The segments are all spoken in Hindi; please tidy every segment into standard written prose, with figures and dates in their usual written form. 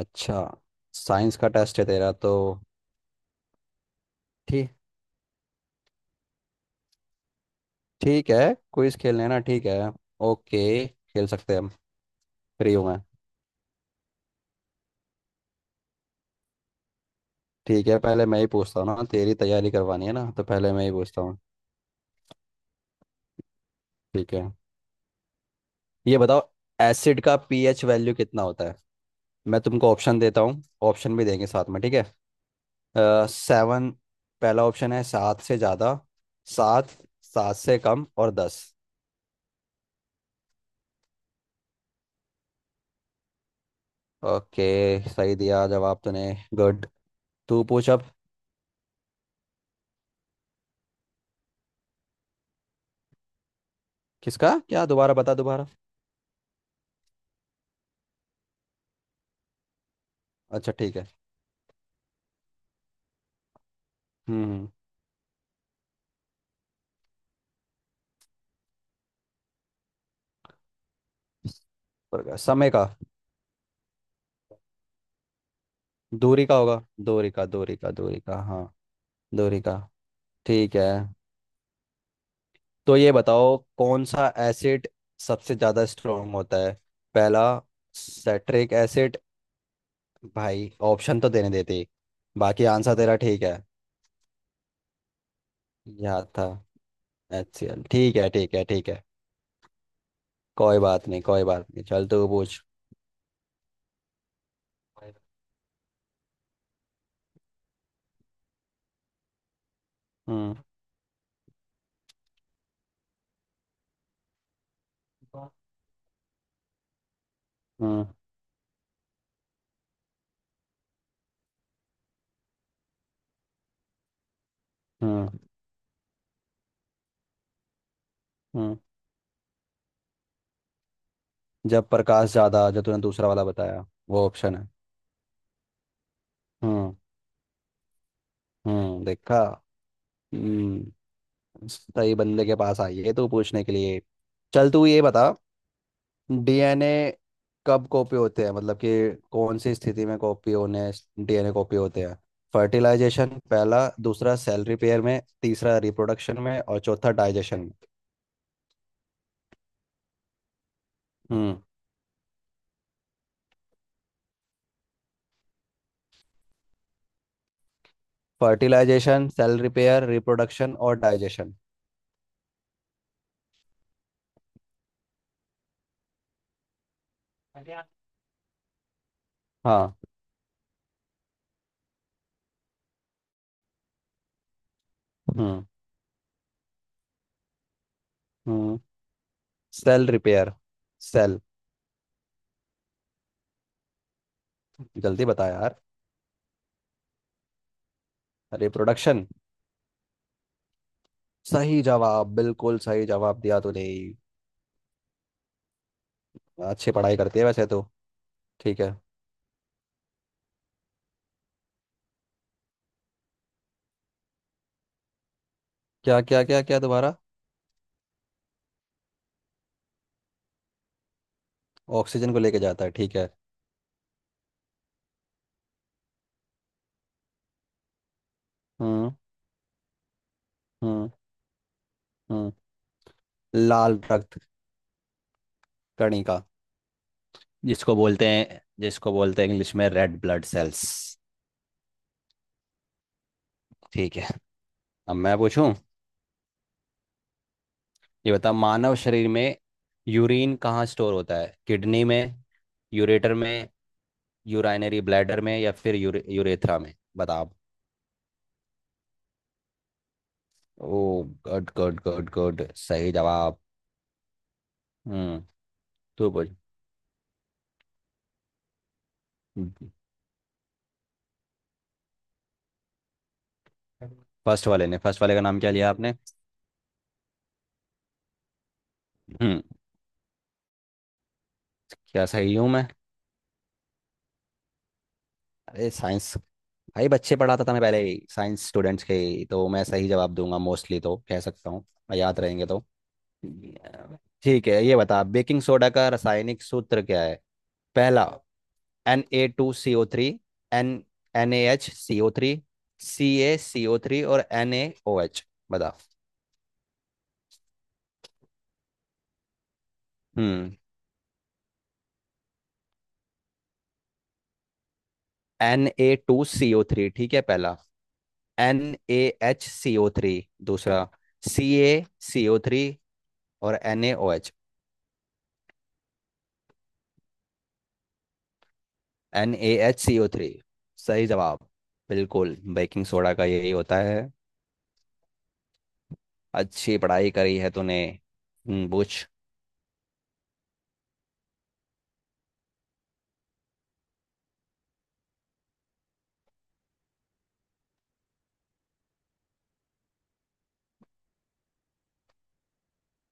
अच्छा। साइंस का टेस्ट है तेरा तो। ठीक। ठीक है। क्विज खेलने ना? ठीक है। ओके। खेल सकते हैं हम। फ्री हूँ मैं। ठीक है, पहले मैं ही पूछता हूँ ना, तेरी तैयारी करवानी है ना, तो पहले मैं ही पूछता हूँ। ठीक है, ये बताओ, एसिड का पीएच वैल्यू कितना होता है? मैं तुमको ऑप्शन देता हूँ। ऑप्शन भी देंगे साथ में, ठीक है। सेवन। पहला ऑप्शन है सात से ज़्यादा, सात, सात से कम, और 10। ओके, सही दिया जवाब तूने। गुड। तू पूछ अब। किसका क्या? दोबारा बता, दोबारा। अच्छा, ठीक है। हम्म। हम्म। समय का। दूरी का होगा। दूरी का, दूरी का, दूरी का, हाँ। दूरी का। ठीक है, तो ये बताओ, कौन सा एसिड सबसे ज्यादा स्ट्रांग होता है? पहला, सेट्रिक एसिड। भाई, ऑप्शन तो देने देते। बाकी आंसर तेरा ठीक है। याद था। H C L. ठीक है, ठीक है, ठीक है। कोई बात नहीं, कोई बात नहीं, चल तू पूछ। हम्म। हम्म। हम्म। हम्म। जब प्रकाश ज्यादा, जो तूने दूसरा वाला बताया वो ऑप्शन है। हम्म। हम्म, देखा। हम्म। सही बंदे के पास आई है तू पूछने के लिए। चल तू ये बता, डीएनए कब कॉपी होते हैं, मतलब कि कौन सी स्थिति में कॉपी होने, डीएनए कॉपी होते हैं? फर्टिलाइजेशन पहला, दूसरा सेल रिपेयर में, तीसरा रिप्रोडक्शन में, और चौथा डाइजेशन में। हम्म। फर्टिलाइजेशन, सेल रिपेयर, रिप्रोडक्शन, और डाइजेशन। हाँ। हम्म। हम्म। Cell repair. सेल, जल्दी बता यार। अरे, प्रोडक्शन। सही जवाब, बिल्कुल सही जवाब दिया तूने। अच्छी पढ़ाई करती है वैसे तो। ठीक है। क्या, क्या, क्या, क्या? दोबारा। ऑक्सीजन को लेके जाता है, ठीक है। हम्म। हम्म। हम्म। लाल रक्त कणिका। जिसको बोलते हैं इंग्लिश में रेड ब्लड सेल्स। ठीक है। अब मैं पूछूं। ये बता, मानव शरीर में यूरिन कहाँ स्टोर होता है? किडनी में, यूरेटर में, यूराइनरी ब्लैडर में, या फिर यूरेथ्रा में? बता आप। Oh, good, good, good, good, सही जवाब। हम्म। तो बोल। फर्स्ट वाले ने, फर्स्ट वाले का नाम क्या लिया आपने? हम्म। क्या सही हूँ मैं? अरे, साइंस। भाई, बच्चे पढ़ाता था मैं पहले ही, साइंस स्टूडेंट्स के ही, तो मैं सही जवाब दूंगा मोस्टली, तो कह सकता हूँ मैं, याद रहेंगे तो। ठीक है, ये बता, बेकिंग सोडा का रासायनिक सूत्र क्या है? पहला, N A two C O three. N N A H C O three. C A C O three, और एन ए ओ एच। बता। हम्म। N A two C O three, ठीक है, पहला। N A H C O three, दूसरा। C A C O three, और N A O H. N A H C O three, सही जवाब। बिल्कुल, बेकिंग सोडा का यही होता है। अच्छी पढ़ाई करी है तूने। पूछ।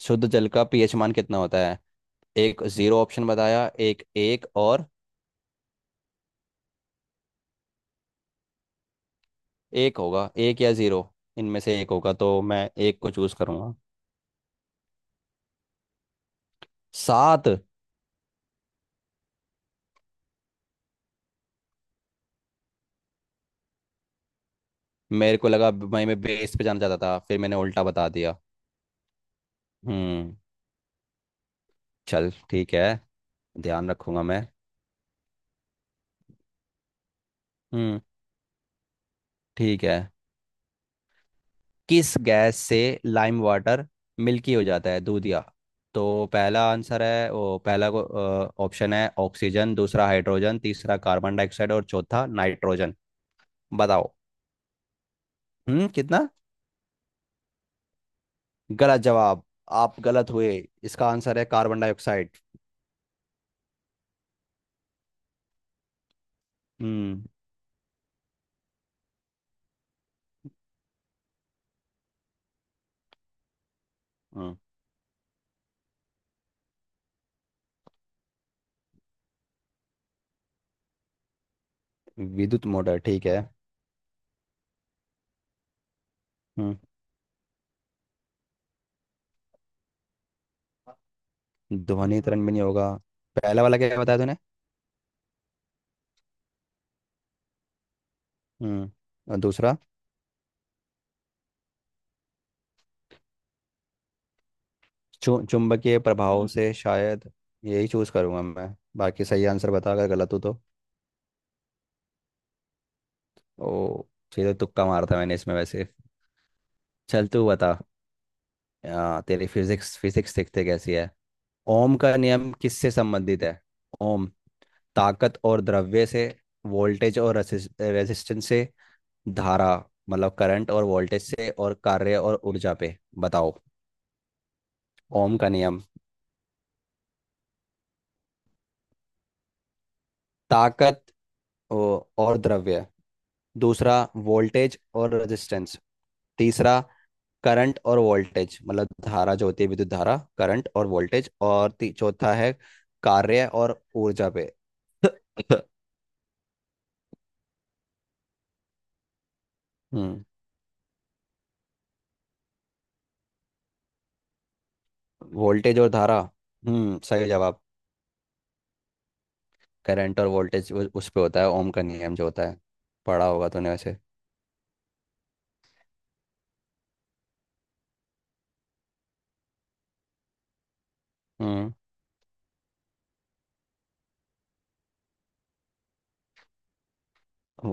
शुद्ध जल का पीएच मान कितना होता है? एक जीरो ऑप्शन बताया, एक एक और। एक होगा, एक या जीरो, इनमें से एक होगा, तो मैं एक को चूज करूंगा। सात? मेरे को लगा भाई मैं बेस पे जाना चाहता था, फिर मैंने उल्टा बता दिया। हम्म। चल ठीक है, ध्यान रखूंगा मैं। हम्म। ठीक है, किस गैस से लाइम वाटर मिल्की हो जाता है, दूधिया? तो, पहला आंसर है वो, पहला को ऑप्शन है ऑक्सीजन, दूसरा हाइड्रोजन, तीसरा कार्बन डाइऑक्साइड, और चौथा नाइट्रोजन। बताओ। हम्म, कितना? गलत जवाब, आप गलत हुए। इसका आंसर है कार्बन डाइऑक्साइड। हम्म। हम्म, विद्युत मोटर, ठीक है। हम्म। ध्वनि तरंग भी नहीं होगा। पहला वाला क्या बताया तूने? हम्म। और दूसरा? चुंबकीय प्रभाव, हम्म, से शायद। यही चूज करूंगा मैं। बाकी सही आंसर बता अगर गलत हो तो। ओ। सीधे तुक्का मारा था मैंने इसमें वैसे। चल तू बता। तेरी फिजिक्स फिजिक्स देखते कैसी है। ओम का नियम किससे संबंधित है? ओम। ताकत और द्रव्य से, वोल्टेज और रेजिस्टेंस से, धारा मतलब करंट और वोल्टेज से, और कार्य और ऊर्जा पे। बताओ। ओम का नियम। ताकत और द्रव्य, दूसरा वोल्टेज और रेजिस्टेंस, तीसरा करंट और वोल्टेज मतलब धारा जो होती है, विद्युत धारा, करंट और वोल्टेज, और चौथा है कार्य और ऊर्जा पे। हम्म, वोल्टेज और धारा। हम्म, सही जवाब। करंट और वोल्टेज, उस पे होता है ओम का नियम जो होता है। पढ़ा होगा तूने वैसे। हम्म।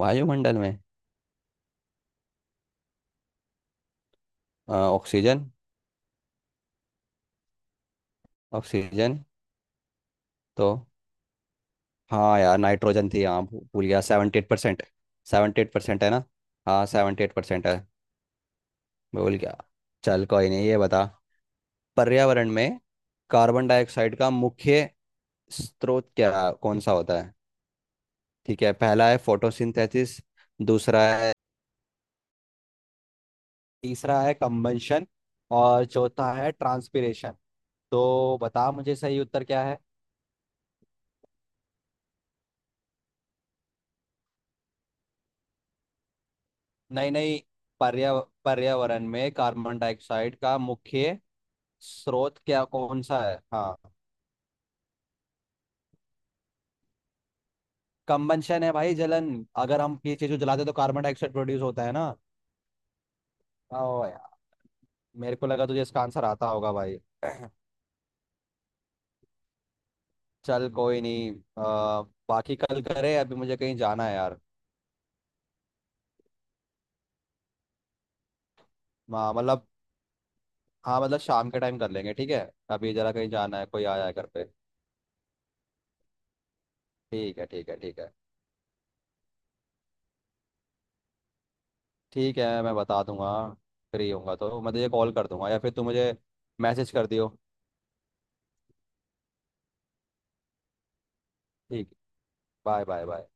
वायुमंडल में? ऑक्सीजन। ऑक्सीजन, तो? हाँ यार, नाइट्रोजन थी, हाँ, भूल गया। 78%। 78% है ना? हाँ, 78% है। भूल गया। चल कोई नहीं, ये बता। पर्यावरण में कार्बन डाइऑक्साइड का मुख्य स्रोत क्या, कौन सा होता है? ठीक है, पहला है फोटोसिंथेसिस, दूसरा है, तीसरा है कंबंशन, और चौथा है ट्रांसपिरेशन। तो बता मुझे, सही उत्तर क्या है। नहीं नहीं, पर्या पर्यावरण में कार्बन डाइऑक्साइड का मुख्य स्रोत क्या, कौन सा है? हाँ। कंबंशन है भाई, जलन। अगर हम ये चीज को जलाते हैं तो कार्बन डाइऑक्साइड प्रोड्यूस होता है ना। ओ यार, मेरे को लगा तुझे इसका आंसर आता होगा भाई। चल कोई नहीं। आ, बाकी कल करे, अभी मुझे कहीं जाना है यार। मतलब, हाँ, मतलब शाम के टाइम कर लेंगे, ठीक है। अभी जरा कहीं जाना है, कोई आया है घर पे। ठीक है, ठीक है, ठीक है। ठीक है, मैं बता दूंगा। फ्री होऊंगा तो मैं तुझे कॉल कर दूंगा, या फिर तू मुझे मैसेज कर दियो। ठीक। Bye, bye, bye.